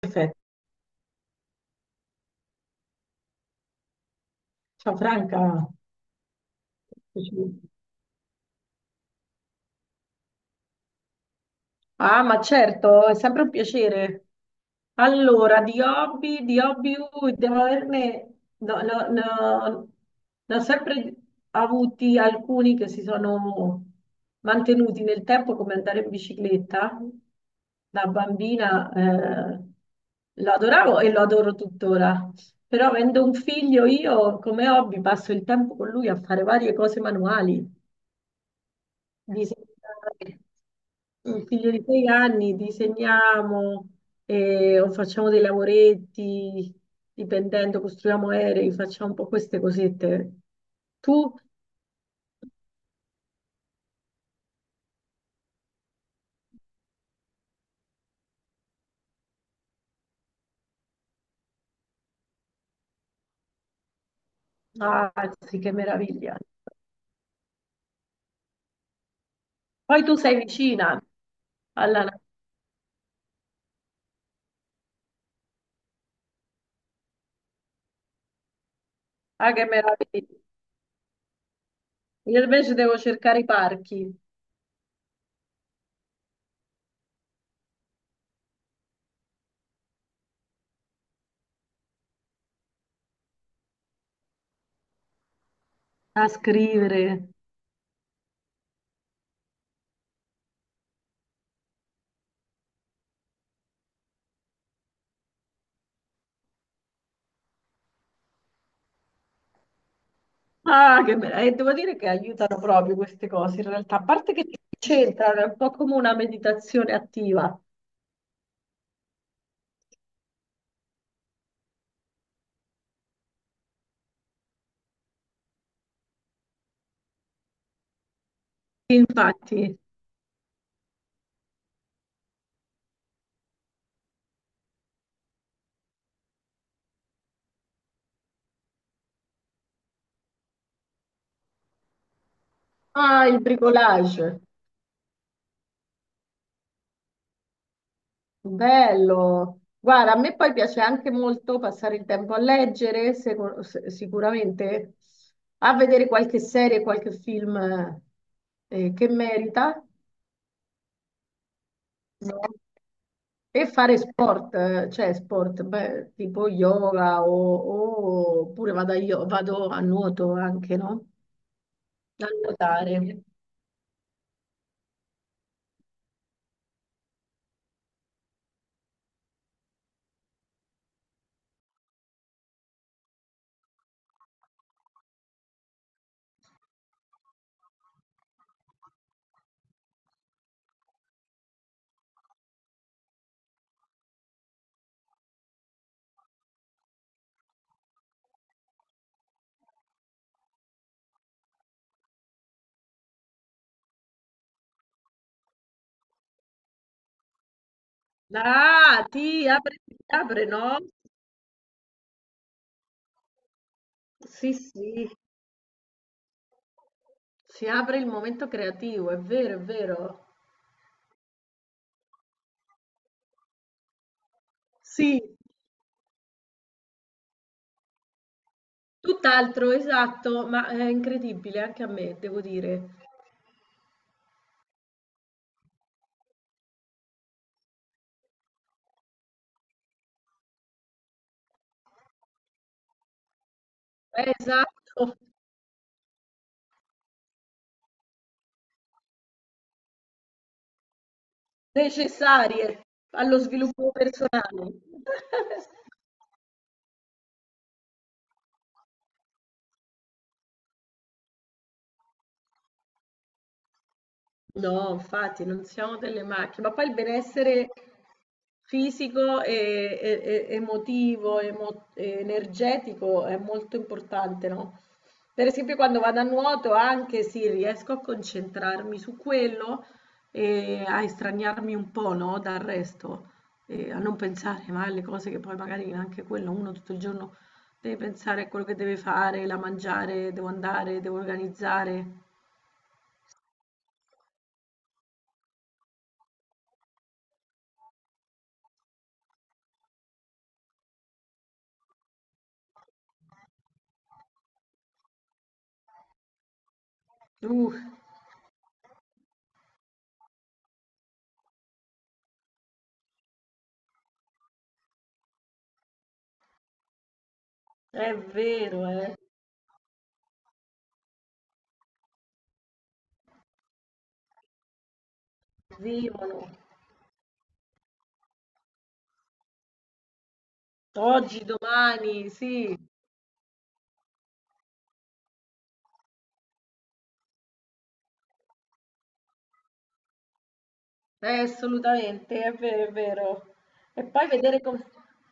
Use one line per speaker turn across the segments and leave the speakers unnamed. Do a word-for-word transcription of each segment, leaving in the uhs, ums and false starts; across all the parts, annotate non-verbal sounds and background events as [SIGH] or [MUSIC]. Perfetto. Ciao Franca. Ah, ma certo, è sempre un piacere. Allora, di hobby, di hobby, uh, devo averne, no, no, no, ne ho sempre avuti alcuni che si sono mantenuti nel tempo, come andare in bicicletta. Da bambina, eh, lo adoravo e lo adoro tuttora. Però avendo un figlio, io come hobby passo il tempo con lui a fare varie cose manuali. Disegnare un figlio di sei anni, disegniamo eh, o facciamo dei lavoretti, dipendendo, costruiamo aerei, facciamo un po' queste cosette. Tu, ah, sì, che meraviglia. Poi tu sei vicina alla... natura, Ah, che meraviglia. Io invece devo cercare i parchi a scrivere. Ah, che meraviglia. E devo dire che aiutano proprio queste cose, in realtà, a parte che ci c'entrano, è un po' come una meditazione attiva. Infatti. Ah, il bricolage, bello. Guarda, a me poi piace anche molto passare il tempo a leggere, secu- s- sicuramente, a vedere qualche serie, qualche film eh, eh, che merita, no? E fare sport, eh, cioè sport, beh, tipo yoga o, oppure vado a, io- vado a nuoto anche, no? A nuotare. Ah, ti apre, ti apre, no? Sì, sì. Si apre il momento creativo, è vero, è vero. Sì, tutt'altro, esatto, ma è incredibile anche a me, devo dire. Eh, Esatto, necessarie allo sviluppo personale. [LAUGHS] No, infatti non siamo delle macchine, ma poi il benessere fisico e, e- e- emotivo, emo- e energetico è molto importante, no? Per esempio quando vado a nuoto anche sì, riesco a concentrarmi su quello e a estraniarmi un po', no, dal resto, e a non pensare mai alle cose che poi magari anche quello uno tutto il giorno deve pensare a quello che deve fare, la mangiare, devo andare, devo organizzare. Uh, è vero, eh. Vivono oggi, domani, sì, eh, assolutamente, è vero, è vero. E poi vedere com-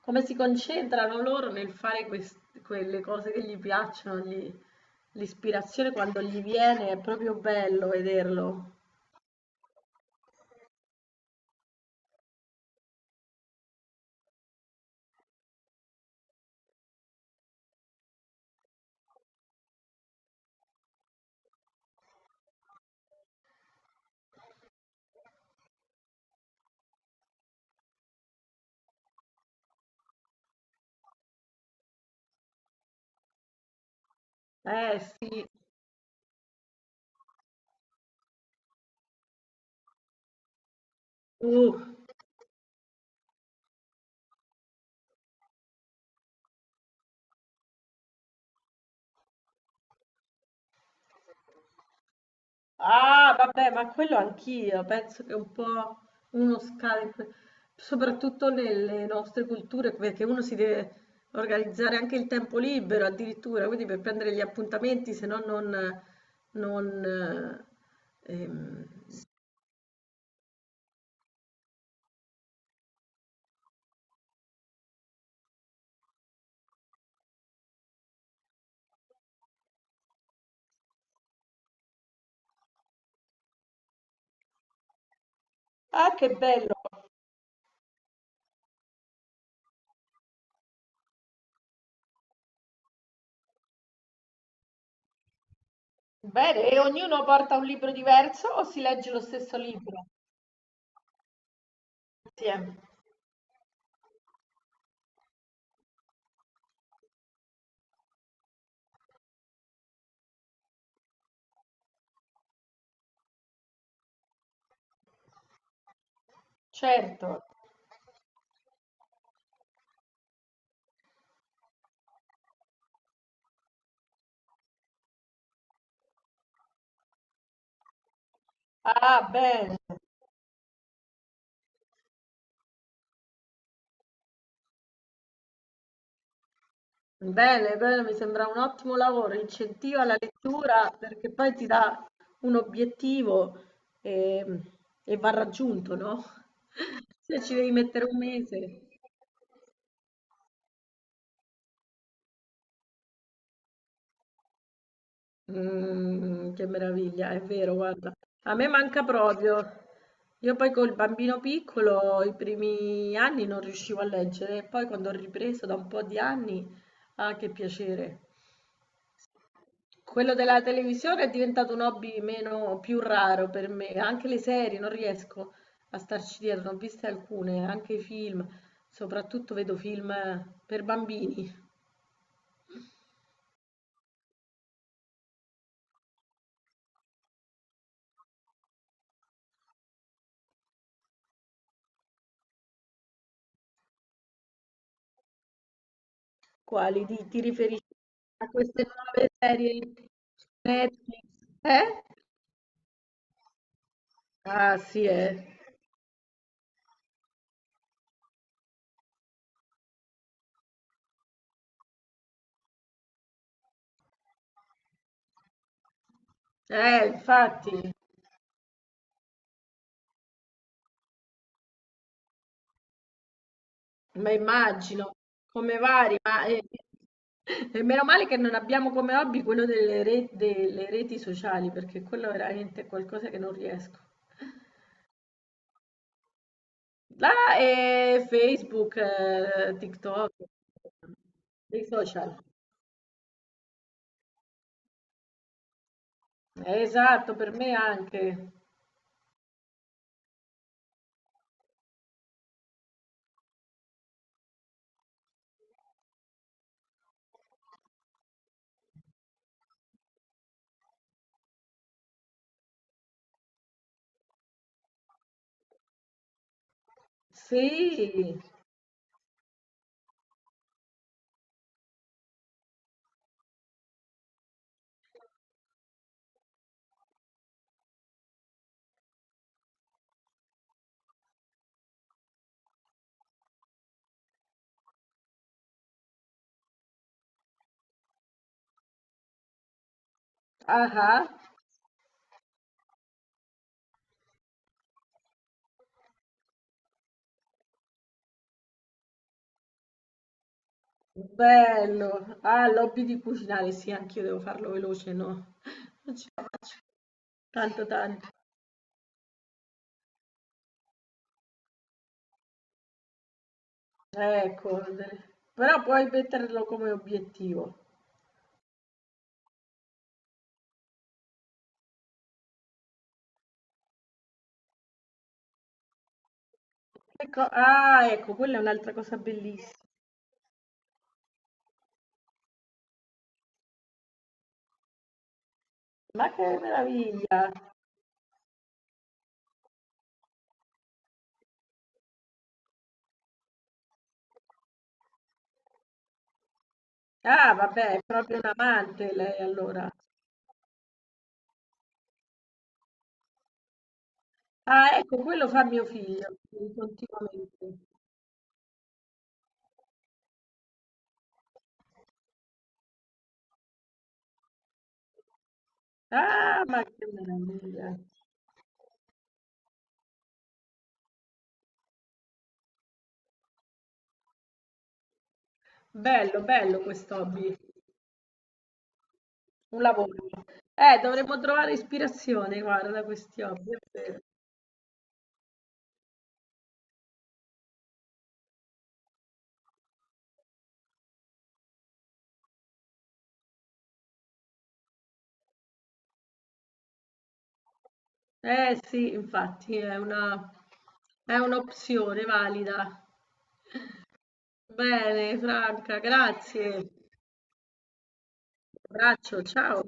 come si concentrano loro nel fare quest- quelle cose che gli piacciono, gli- l'ispirazione quando gli viene è proprio bello vederlo. Eh sì, tu. Ah, vabbè, ma quello anch'io, penso che un po' uno scade, in que- soprattutto nelle nostre culture, perché uno si deve organizzare anche il tempo libero addirittura, quindi per prendere gli appuntamenti, se no non... non eh, ehm. Ah, che bello! Bene, e ognuno porta un libro diverso o si legge lo stesso libro insieme? Certo. Ah, bene. Bene, bene, mi sembra un ottimo lavoro, incentiva la lettura perché poi ti dà un obiettivo e, e va raggiunto, no? [LAUGHS] Se ci devi mettere un mese. Mm, che meraviglia, è vero, guarda. A me manca proprio. Io poi col bambino piccolo i primi anni non riuscivo a leggere, e poi quando ho ripreso da un po' di anni, ah, che piacere. Quello della televisione è diventato un hobby meno più raro per me, anche le serie non riesco a starci dietro, ne ho viste alcune, anche i film, soprattutto vedo film per bambini. Quali ti, ti riferisci a queste nuove serie Netflix? Eh? Ah sì, eh. Eh, infatti. Ma immagino, come vari, ma eh, [LAUGHS] e meno male che non abbiamo come hobby quello delle re- delle reti sociali, perché quello veramente è qualcosa che non riesco. Là è Facebook, eh, TikTok, dei social. Eh, Esatto, per me anche. Sì, ah, ah, bello. Ah, l'hobby di cucinare, sì, anch'io devo farlo veloce, no? [LAUGHS] Non ci vado tanto tanto. Eh, correre. Però puoi metterlo come obiettivo. Ecco, ah, ecco, quella è un'altra cosa bellissima. Ma che meraviglia! Ah, vabbè, è proprio un amante lei allora. Ah, ecco, quello fa mio figlio continuamente. Ah, ma che meraviglia! Bello, bello questo hobby, un lavoro. Eh, dovremmo trovare ispirazione, guarda, da questi hobby. È vero. Eh sì, infatti, è una, è un'opzione valida. Bene, Franca, grazie. Un abbraccio, ciao.